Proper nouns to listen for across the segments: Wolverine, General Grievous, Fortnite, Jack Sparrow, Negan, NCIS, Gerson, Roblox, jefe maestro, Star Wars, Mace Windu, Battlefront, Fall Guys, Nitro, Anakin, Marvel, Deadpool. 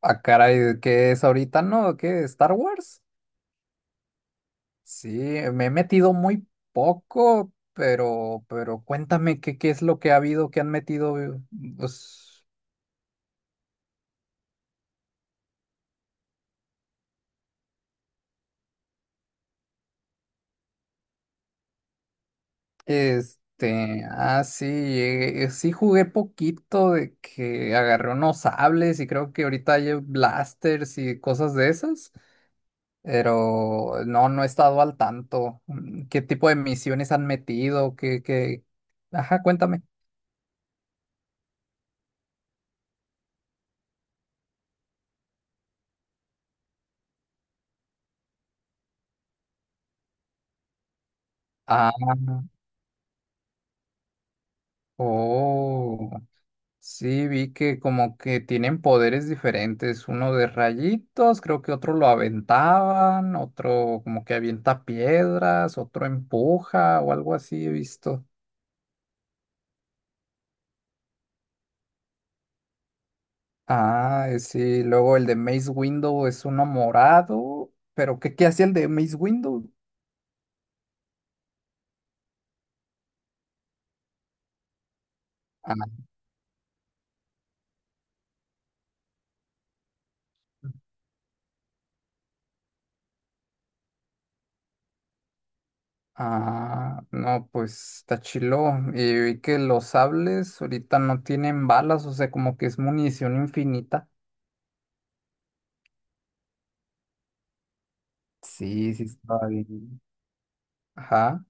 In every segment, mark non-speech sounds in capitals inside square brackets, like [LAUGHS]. Ah, caray, ¿qué es ahorita, no? ¿Qué? ¿Star Wars? Sí, me he metido muy poco, pero cuéntame qué es lo que ha habido, qué han metido. Pues, sí jugué poquito de que agarré unos sables y creo que ahorita hay blasters y cosas de esas, pero no, no he estado al tanto. ¿Qué tipo de misiones han metido? ¿Qué, qué? Ajá, cuéntame. Ah, oh. Sí, vi que como que tienen poderes diferentes, uno de rayitos, creo que otro lo aventaban, otro como que avienta piedras, otro empuja o algo así he visto. Sí, luego el de Mace Window es uno morado, pero ¿qué hacía el de Mace Window? Ah, no, pues está chilo. Y vi que los sables ahorita no tienen balas, o sea, como que es munición infinita. Sí, sí, está bien. Ajá.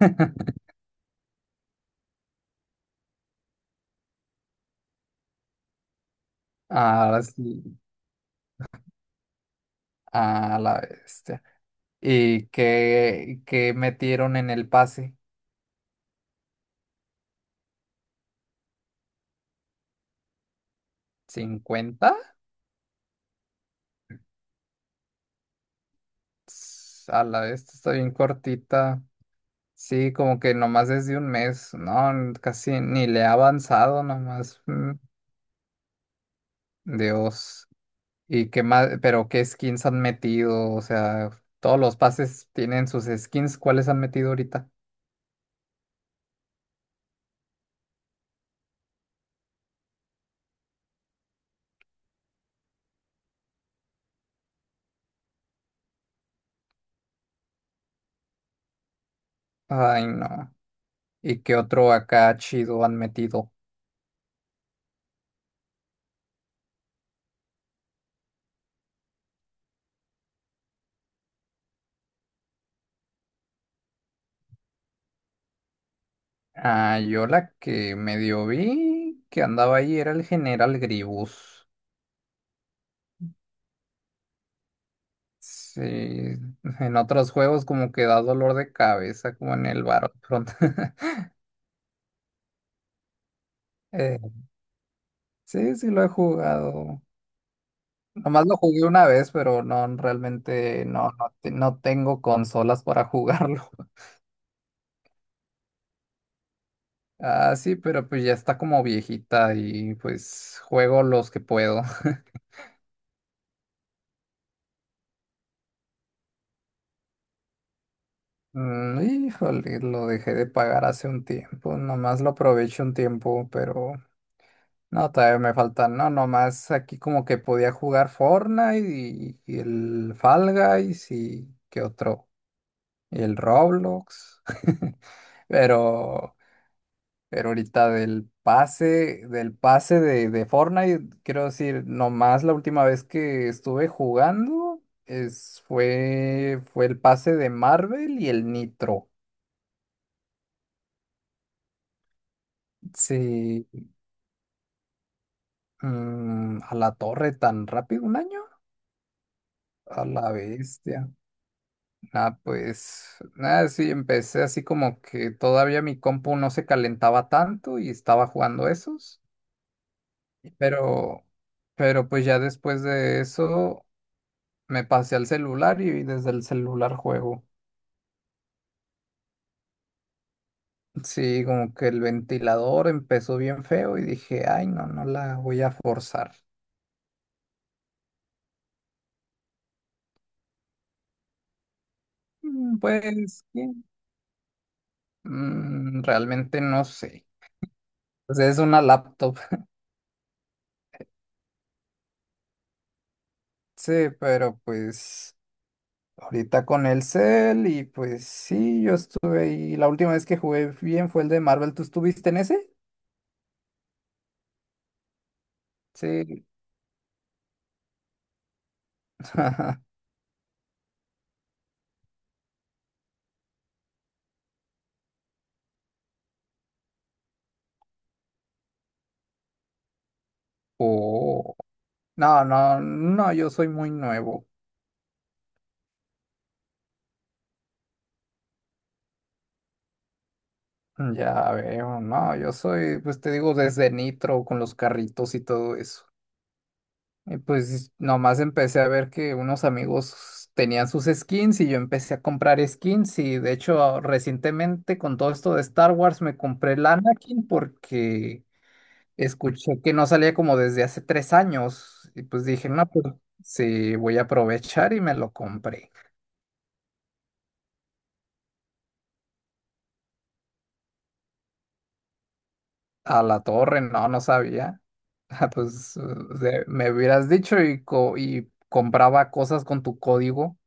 [LAUGHS] Ah, sí, a la bestia. ¿Qué metieron en el pase? 50. Ts, a la bestia, está bien cortita. Sí, como que nomás es de un mes, ¿no? Casi ni le ha avanzado nomás. Dios. ¿Y qué más? ¿Pero qué skins han metido? O sea, todos los pases tienen sus skins. ¿Cuáles han metido ahorita? Ay, no. ¿Y qué otro acá chido han metido? Ah, yo la que medio vi que andaba ahí era el General Gribus. Sí, en otros juegos como que da dolor de cabeza, como en el Battlefront. [LAUGHS] Eh, sí, sí lo he jugado. Nomás lo jugué una vez, pero no, realmente no tengo consolas para jugarlo. [LAUGHS] Ah, sí, pero pues ya está como viejita y pues juego los que puedo. [LAUGHS] Mm, Híjole, lo dejé de pagar hace un tiempo, nomás lo aprovecho un tiempo, pero no, todavía me faltan, no, nomás aquí como que podía jugar Fortnite y el Fall Guys y qué otro, y el Roblox, [LAUGHS] pero, pero ahorita del pase de Fortnite, quiero decir, nomás la última vez que estuve jugando fue el pase de Marvel y el Nitro. Sí, mm, a la torre tan rápido un año, a la bestia. Ah, pues nada, sí, empecé así como que todavía mi compu no se calentaba tanto y estaba jugando esos, pero, pero pues ya después de eso me pasé al celular y desde el celular juego. Sí, como que el ventilador empezó bien feo y dije, ay, no, no la voy a forzar. Mm, pues, ¿qué? Mm, realmente no sé. Pues es una laptop. [LAUGHS] Sí, pero pues... Ahorita con el Cell y pues sí, yo estuve ahí. La última vez que jugué bien fue el de Marvel. ¿Tú estuviste en ese? Sí. [LAUGHS] Oh. No, no, no, yo soy muy nuevo. Ya veo, no, yo soy, pues te digo, desde Nitro con los carritos y todo eso. Y pues nomás empecé a ver que unos amigos tenían sus skins y yo empecé a comprar skins y de hecho recientemente con todo esto de Star Wars me compré el Anakin porque escuché que no salía como desde hace 3 años y pues dije, no, pues sí, voy a aprovechar y me lo compré. A la torre, no, no sabía. [LAUGHS] Me hubieras dicho y compraba cosas con tu código.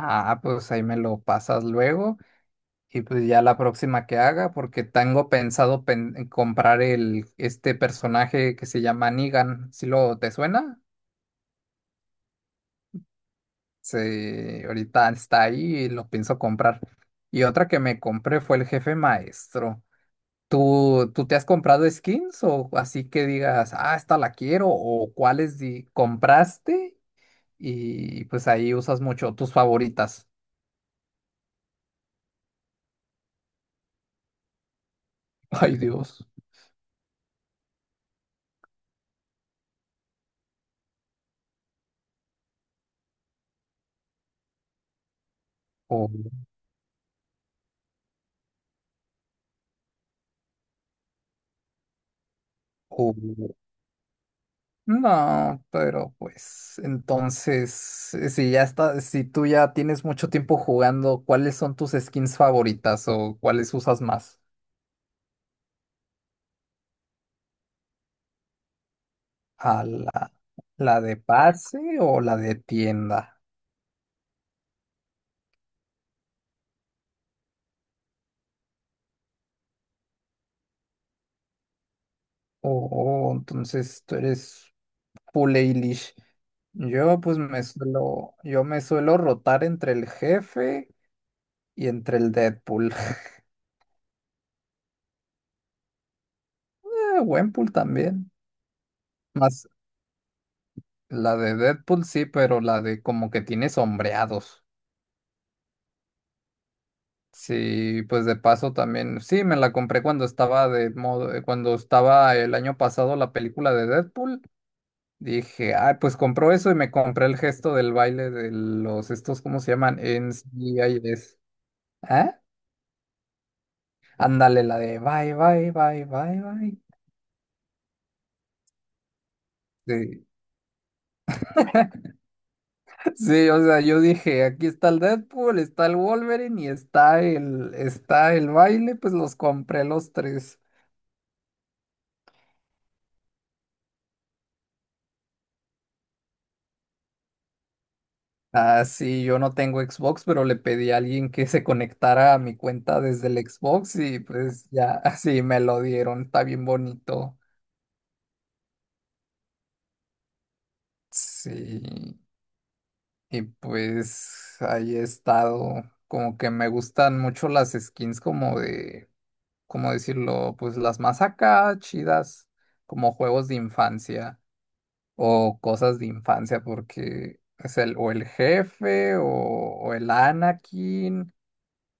Ah, pues ahí me lo pasas luego y pues ya la próxima que haga, porque tengo pensado comprar el, este personaje que se llama Negan. ¿Si lo te suena? Sí, ahorita está ahí y lo pienso comprar. Y otra que me compré fue el jefe maestro. ¿Tú te has comprado skins o así que digas, ah, esta la quiero o compraste y pues ahí usas mucho tus favoritas? [LAUGHS] Ay, Dios. O, o- No, pero pues entonces, si ya está, si tú ya tienes mucho tiempo jugando, ¿cuáles son tus skins favoritas o cuáles usas más? ¿A la, la de pase o la de tienda? Oh, entonces tú eres full Eilish. Yo me suelo rotar entre el jefe y entre el Deadpool. [LAUGHS] Buen pool también. Más la de Deadpool sí, pero la de como que tiene sombreados. Sí, pues de paso también. Sí, me la compré cuando estaba de modo, cuando estaba el año pasado la película de Deadpool. Dije, ah, pues compró eso y me compré el gesto del baile de los estos, ¿cómo se llaman? En NCIS. ¿Ah? Ándale, la de bye, bye, bye, bye, bye. Sí. [LAUGHS] Sí, o sea, yo dije, aquí está el Deadpool, está el Wolverine y está está el baile, pues los compré los tres. Ah, sí, yo no tengo Xbox, pero le pedí a alguien que se conectara a mi cuenta desde el Xbox y pues ya, [LAUGHS] así me lo dieron, está bien bonito. Sí. Y pues ahí he estado, como que me gustan mucho las skins como de, ¿cómo decirlo? Pues las más acá chidas, como juegos de infancia o cosas de infancia, porque es el o el jefe o el Anakin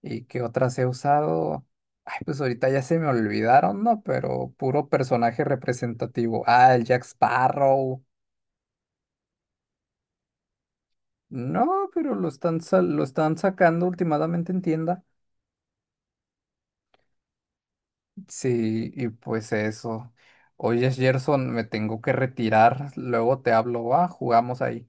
y qué otras he usado. Ay, pues ahorita ya se me olvidaron, ¿no? Pero puro personaje representativo. Ah, el Jack Sparrow. No, pero lo están, lo están sacando últimamente en tienda. Sí, y pues eso. Oye, Gerson, me tengo que retirar. Luego te hablo, va, jugamos ahí.